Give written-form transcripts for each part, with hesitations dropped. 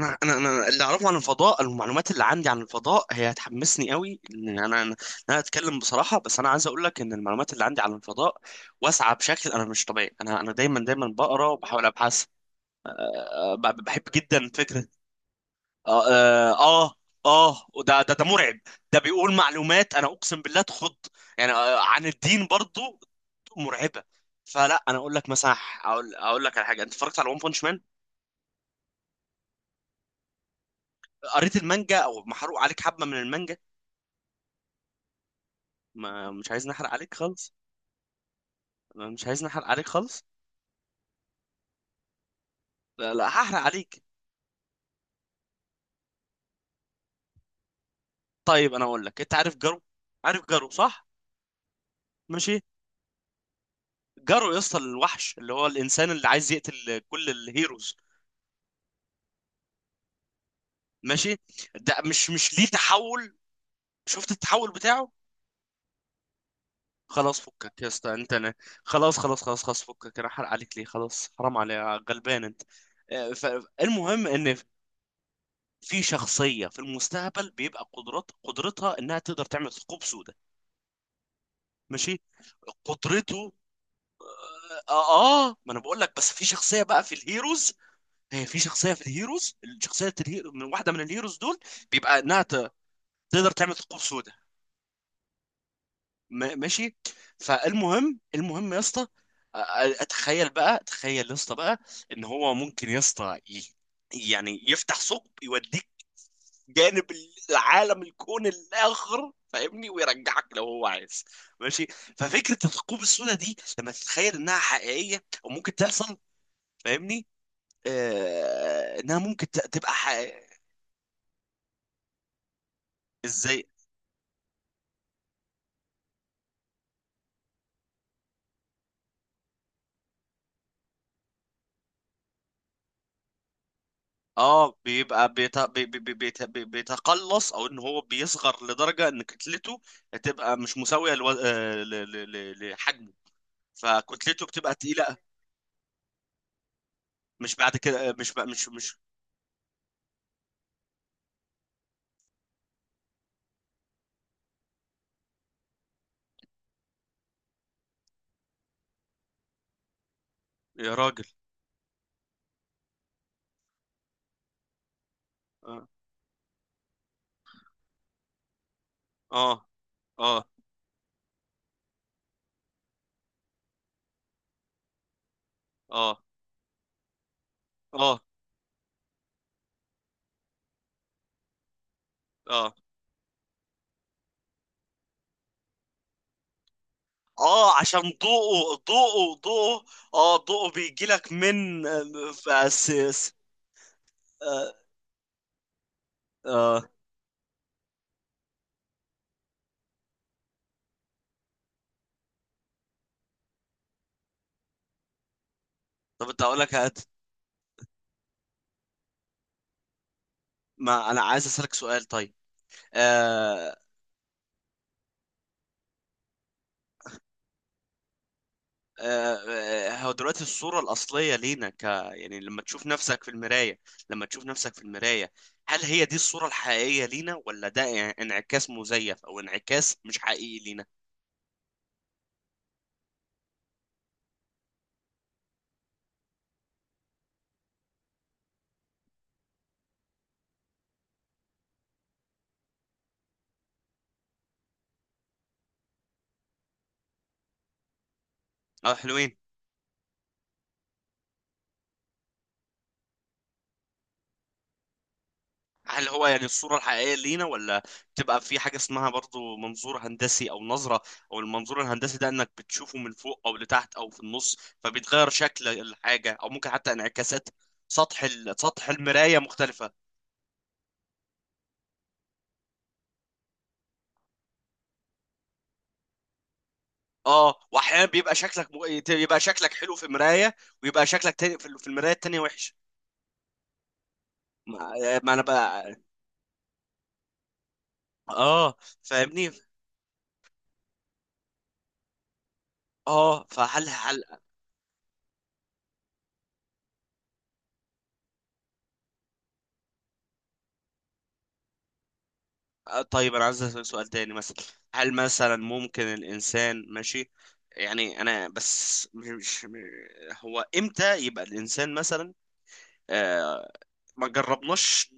انا اللي اعرفه عن الفضاء، المعلومات اللي عندي عن الفضاء هي هتحمسني قوي. ان انا انا أنا اتكلم بصراحه، بس انا عايز اقول لك ان المعلومات اللي عندي عن الفضاء واسعه بشكل مش طبيعي. انا دايما بقرا وبحاول ابحث. بحب جدا فكره. اه اه اه وده ده مرعب. ده بيقول معلومات انا اقسم بالله تخض. يعني عن الدين برضو، مرعبه. فلا انا اقول لك مثلا، اقول لك على حاجه، انت اتفرجت على ون بونش مان؟ قريت المانجا او محروق عليك حبه من المانجا؟ ما مش عايز نحرق عليك خالص. أنا مش عايز نحرق عليك خالص. لا لا، هحرق عليك. طيب انا اقول لك، انت عارف جارو؟ عارف جارو صح؟ ماشي. جارو يا اسطى، الوحش اللي هو الانسان اللي عايز يقتل كل الهيروز. ماشي. ده مش ليه تحول؟ شفت التحول بتاعه؟ خلاص فكك يا اسطى، انت انا خلاص فكك، انا هحرق عليك ليه؟ خلاص، حرام عليك، غلبان انت. فالمهم ان في شخصية في المستقبل بيبقى قدرات، قدرتها انها تقدر تعمل ثقوب سوداء. ماشي. قدرته. اه اه. ما انا بقول لك، بس في شخصيه بقى في الهيروز، هي في شخصيه في الهيروز، شخصيه الهيرو من واحده من الهيروز دول، بيبقى انها ت- تقدر تعمل ثقوب سوداء. ماشي. المهم يا اسطى، اتخيل بقى، تخيل يا اسطى بقى ان هو ممكن يا اسطى يعني يفتح ثقب يوديك جانب العالم، الكون الاخر، فاهمني؟ ويرجعك لو هو عايز. ماشي. ففكره الثقوب السوداء دي لما تتخيل انها حقيقيه او ممكن تحصل، فاهمني؟ آه، انها ممكن تبقى حقيقية. ازاي؟ اه، بيبقى بيتقلص، او ان هو بيصغر لدرجه ان كتلته تبقى مش مساويه لو... آه، ل... ل... ل... لحجمه، فكتلته بتبقى تقيله. مش بعد كده مش بقى مش. يا راجل. اه اه اه اه. آه. اه اه، عشان ضوءه ضوءه. اه، ضوءه بيجي لك من اساس. آه. آه. طب انت اقول لك، هات. ما انا عايز اسالك سؤال طيب. آه. آه. هو دلوقتي الصورة الأصلية لينا، ك يعني لما تشوف نفسك في المراية، لما تشوف نفسك في المراية، هل هي دي الصورة الحقيقية لينا، ولا ده انعكاس مزيف أو انعكاس مش حقيقي لينا؟ اه حلوين. هل هو يعني الصورة الحقيقية لينا، ولا تبقى في حاجة اسمها برضو منظور هندسي أو نظرة، أو المنظور الهندسي ده، إنك بتشوفه من فوق أو لتحت أو في النص، فبيتغير شكل الحاجة، أو ممكن حتى انعكاسات سطح سطح المراية مختلفة. اه، واحيانا بيبقى شكلك يبقى شكلك حلو في مراية، ويبقى شكلك تاني في المراية التانية وحش. ما... ما انا بقى. اه، فاهمني. اه، هل طيب انا عايز اسالك سؤال تاني مثلا، هل مثلا ممكن الانسان ماشي يعني، انا بس هو امتى يبقى الانسان مثلا، آه، ما جربناش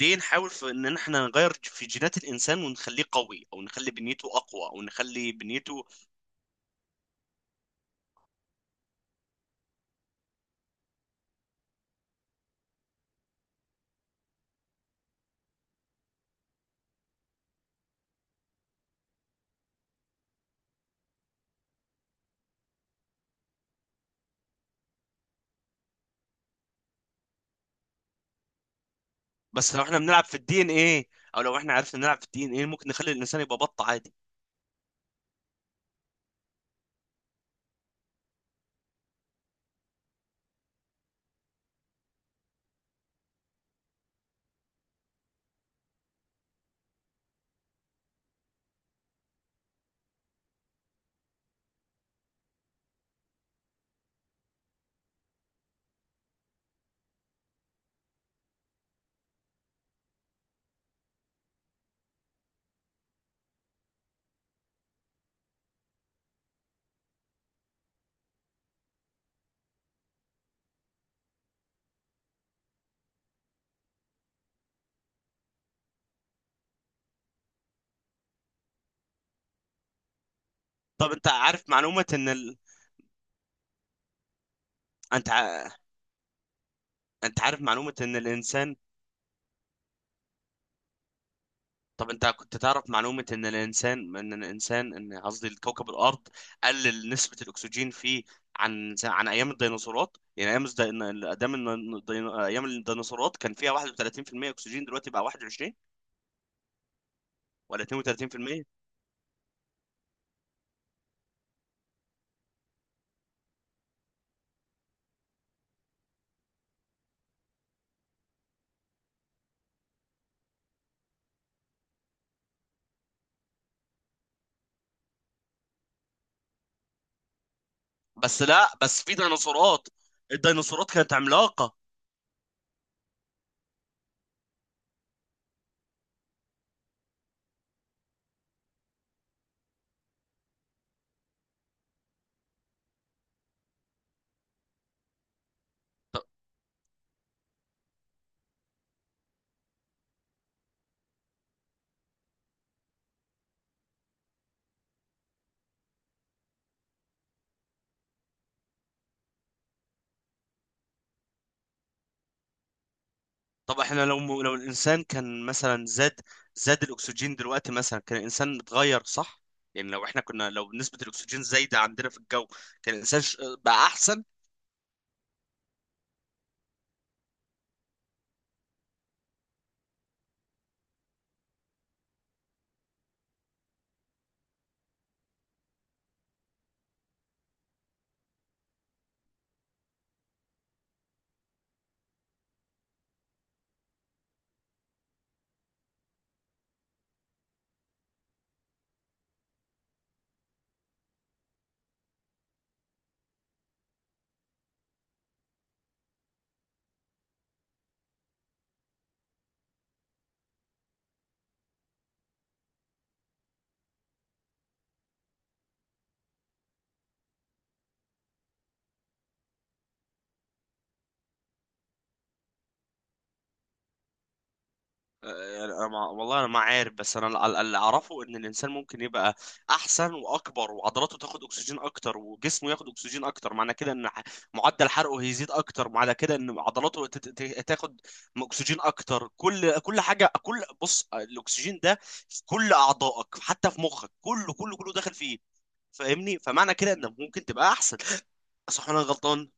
ليه نحاول في ان احنا نغير في جينات الانسان ونخليه قوي، او نخلي بنيته اقوى، او نخلي بنيته، بس لو احنا بنلعب في الدي ان ايه، او لو احنا عرفنا نلعب في الدي ان ايه، ممكن نخلي الانسان يبقى بط عادي. طب انت عارف معلومة ان انت انت عارف معلومة ان الانسان، طب انت كنت تعرف معلومة ان الانسان، ان قصدي كوكب الارض قلل نسبة الاكسجين فيه عن ايام الديناصورات؟ يعني ايام ايام الديناصورات كان فيها 31% اكسجين، دلوقتي بقى 21 ولا 32%؟ بس لا، بس في ديناصورات، الديناصورات كانت عملاقة. ط- طب احنا لو، لو الانسان كان مثلا زاد، زاد الاكسجين دلوقتي مثلا، كان الانسان اتغير صح؟ يعني لو احنا كنا، لو نسبة الاكسجين زايدة عندنا في الجو، كان الانسان بقى احسن. يعني أنا ما، والله انا ما عارف، بس انا اللي اعرفه ان الانسان ممكن يبقى احسن واكبر، وعضلاته تاخد اكسجين اكتر، وجسمه ياخد اكسجين اكتر، معنى كده ان معدل حرقه هيزيد اكتر، معنى كده ان عضلاته تاخد اكسجين اكتر. كل حاجه، كل، بص، الاكسجين ده في كل اعضائك، حتى في مخك، كله كله داخل فيه، فاهمني؟ فمعنى كده انك ممكن تبقى احسن، صح ولا أنا غلطان؟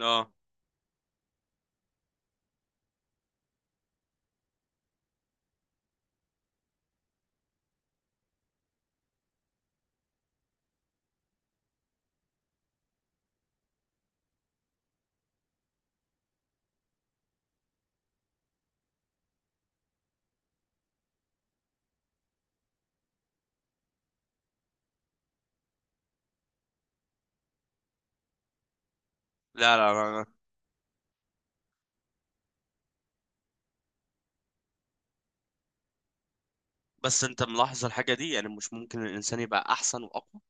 اه، لا لا لا لا. بس انت ملاحظ الحاجه دي، يعني مش ممكن الانسان يبقى احسن واقوى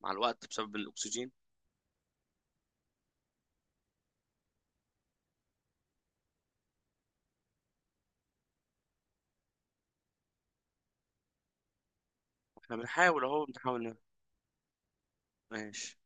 مع الوقت بسبب الأكسجين؟ احنا بنحاول أهو، بنحاول ماشي.